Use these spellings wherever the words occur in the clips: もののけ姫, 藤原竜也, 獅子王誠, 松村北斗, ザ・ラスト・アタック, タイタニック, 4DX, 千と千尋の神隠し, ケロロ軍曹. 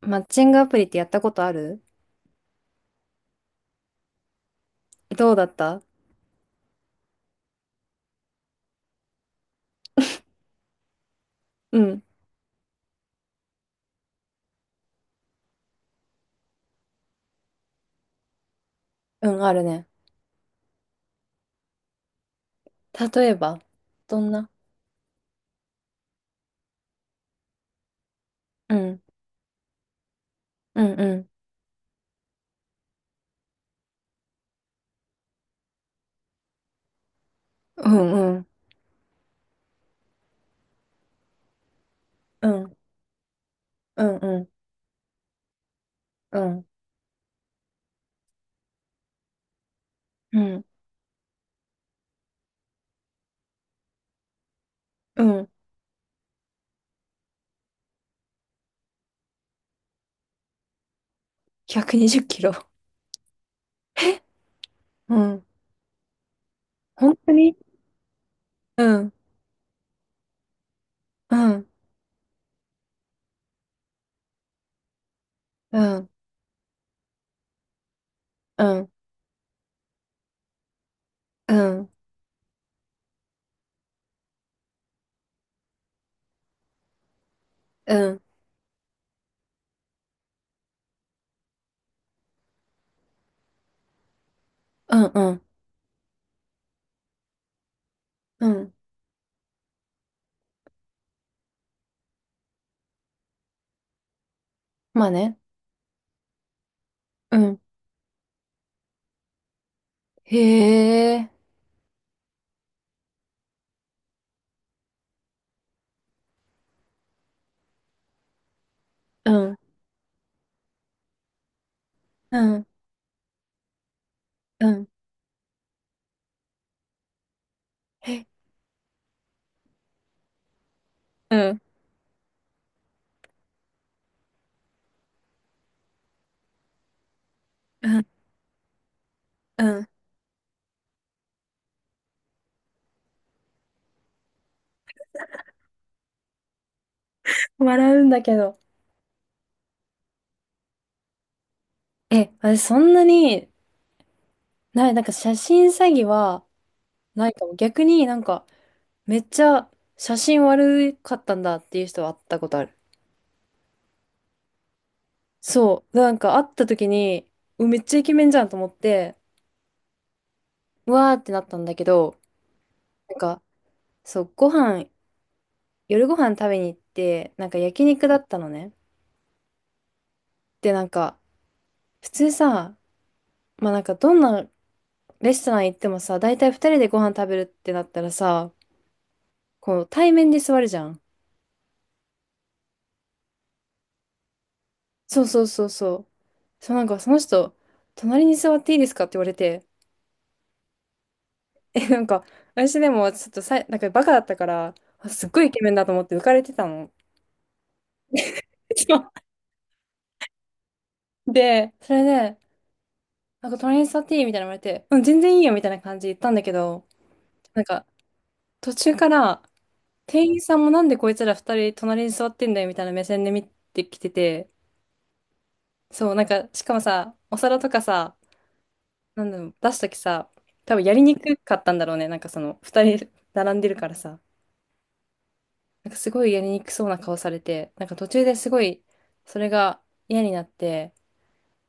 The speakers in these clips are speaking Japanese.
マッチングアプリってやったことある？どうだった？うん。うん、あるね。例えば、どんな？うん、うん、うん、うん、うん、うん、うん、うん、うん、うん、うん。120キロ。うん。本当に？うん、うん、うん、うん、うん、うん、うん、うん、うん。まあね。うん。へえ。うん、うん、うん。へ、うん、うん、うん。笑うんだけど。え、私そんなに、なんか写真詐欺は、ないかも。逆になんか、めっちゃ写真悪かったんだっていう人は会ったことある。そう。なんか会った時に、めっちゃイケメンじゃんと思って、うわーってなったんだけど、なんか、そう、夜ご飯食べに行って、なんか焼肉だったのね。で、なんか、普通さ、まあなんかどんなレストラン行ってもさ、大体二人でご飯食べるってなったらさ、こう対面で座るじゃん。そうそうそうそう。そうなんかその人、隣に座っていいですかって言われて、なんか、私でもちょっとなんかバカだったから、あすっごいイケメンだと思って浮かれてたの。そうで、それで、なんか隣に座っていいみたいなの言われて、うん、全然いいよみたいな感じで言ったんだけど、なんか途中から店員さんもなんでこいつら二人隣に座ってんだよみたいな目線で見てきてて、そう、なんかしかもさ、お皿とかさ、なんだろう、出すときさ、多分やりにくかったんだろうね。なんかその二人並んでるからさ。なんかすごいやりにくそうな顔されて、なんか途中ですごい、それが嫌になって、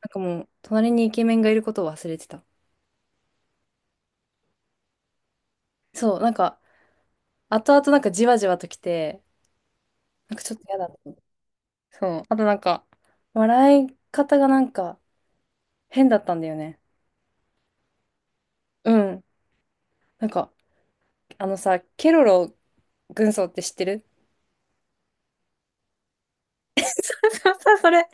なんかもう、隣にイケメンがいることを忘れてた。そう、なんか、後々なんかじわじわと来て、なんかちょっと嫌だった。そう。あとなんか、笑い方がなんか変だったんだよね。うん。なんか、あのさ、ケロロ軍曹って知ってる？ そうそう、それ。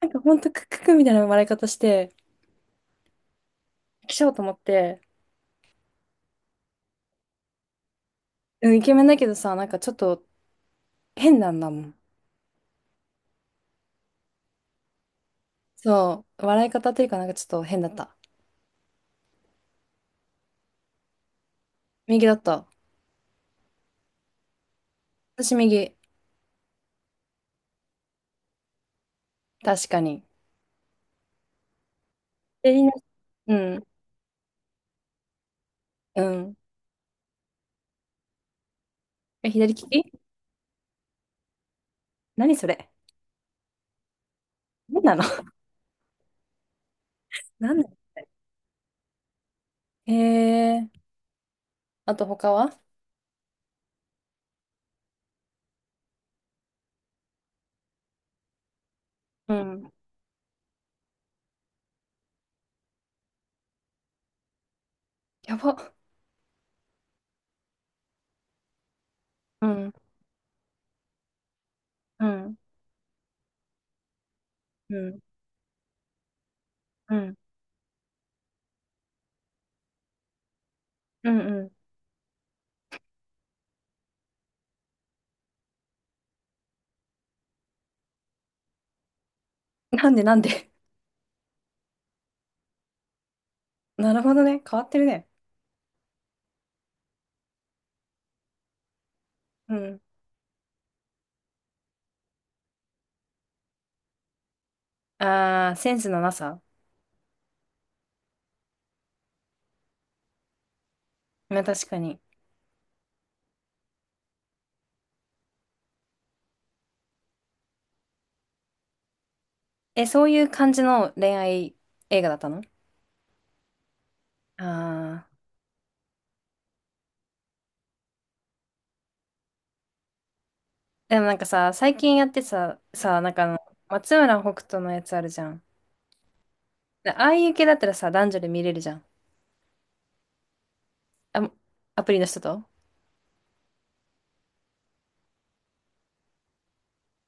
なんかほんとクックックみたいな笑い方して、来ちゃおうと思って、うん、イケメンだけどさ、なんかちょっと変なんだもん。そう、笑い方というかなんかちょっと変だった。右だった。私右。確かに。左の、うん、うん。え、左利き？何それ？何なの？ 何なの？えー、あと他は？うん。やば。うん、うん、うん、うん、うん、うん。なんでなんで？ なるほどね。変わってるね。うん。あー、センスのなさ。まあ確かに。え、そういう感じの恋愛映画だったの？あ、でもなんかさ、最近やってさ、なんかあの、松村北斗のやつあるじゃん。でああいう系だったらさ、男女で見れるじゃん。あ、アプリの人と？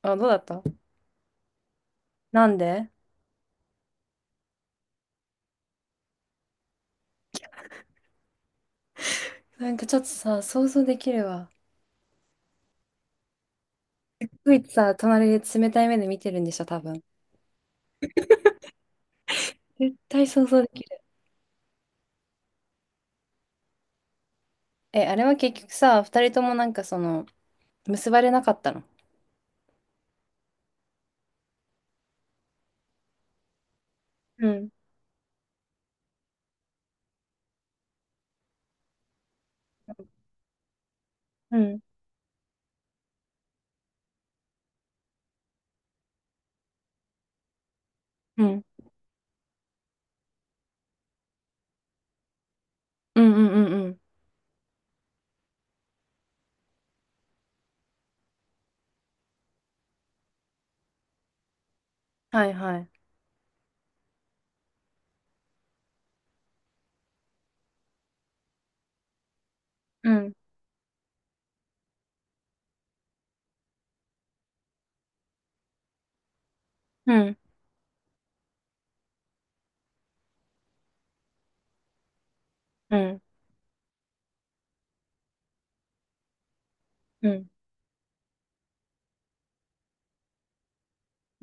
あ、どうだった？なんで？なんかちょっとさ、想像できるわ。ついさ、隣で冷たい目で見てるんでしょ、多分。絶対想像できる。え、あれは結局さ、二人ともなんかその、結ばれなかったの？うん、うん、うん、うん、うん、うん。うん。はいはい。うん、うん、うん、うん、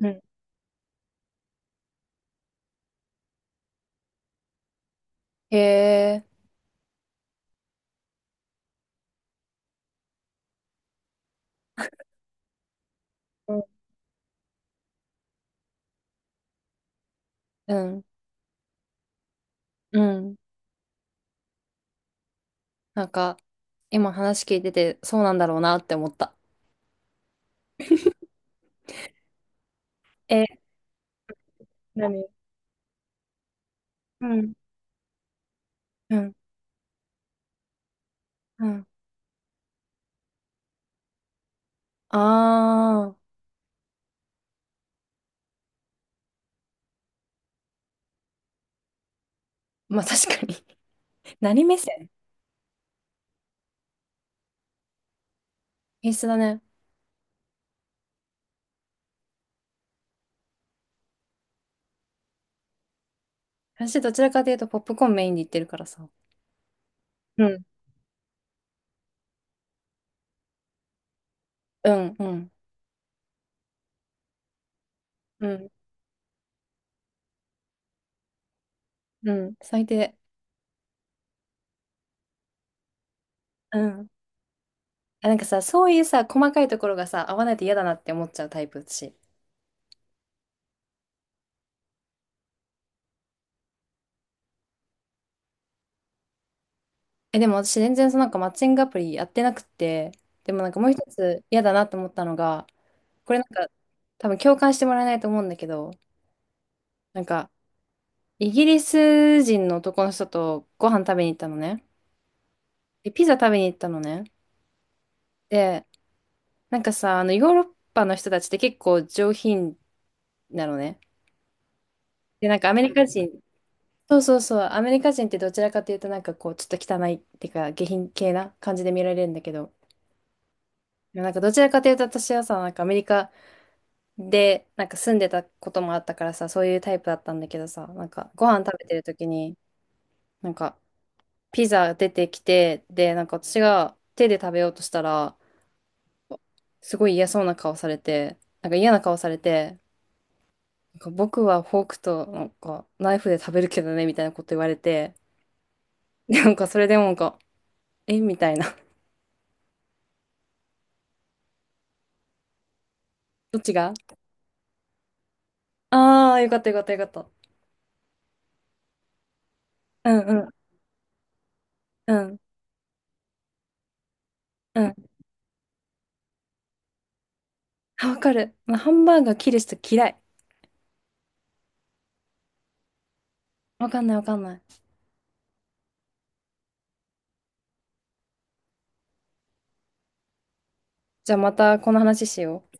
うん。へえ。うん、うん。なんか、今話聞いてて、そうなんだろうなって思った。え、何？うん、うん、うん。あー、まあ確かに。 何目線？必須だね。私どちらかというとポップコーンメインで言ってるからさ。うん、うん、うん、うん、うん、最低。うん。あ、なんかさ、そういうさ、細かいところがさ、合わないと嫌だなって思っちゃうタイプだし。え、でも私全然そのなんかマッチングアプリやってなくて、でもなんかもう一つ嫌だなと思ったのが、これなんか多分共感してもらえないと思うんだけど、なんか、イギリス人の男の人とご飯食べに行ったのね。で、ピザ食べに行ったのね。で、なんかさ、あの、ヨーロッパの人たちって結構上品なのね。で、なんかアメリカ人、そうそうそう、アメリカ人ってどちらかというとなんかこう、ちょっと汚いっていうか、下品系な感じで見られるんだけど、なんかどちらかというと私はさ、なんかアメリカでなんか住んでたこともあったからさ、そういうタイプだったんだけどさ、なんかご飯食べてる時に、なんかピザ出てきて、で、なんか私が手で食べようとしたら、すごい嫌そうな顔されて、なんか嫌な顔されて、なんか僕はフォークとなんかナイフで食べるけどね、みたいなこと言われて、でなんかそれでもなんか、えみたいな。どっちが？ああー、よかったよかったよかった。うんうん、うん、うん。あ、わかる。まあハンバーガー切る人嫌い。わかんないわかんない。じゃあまたこの話しよう。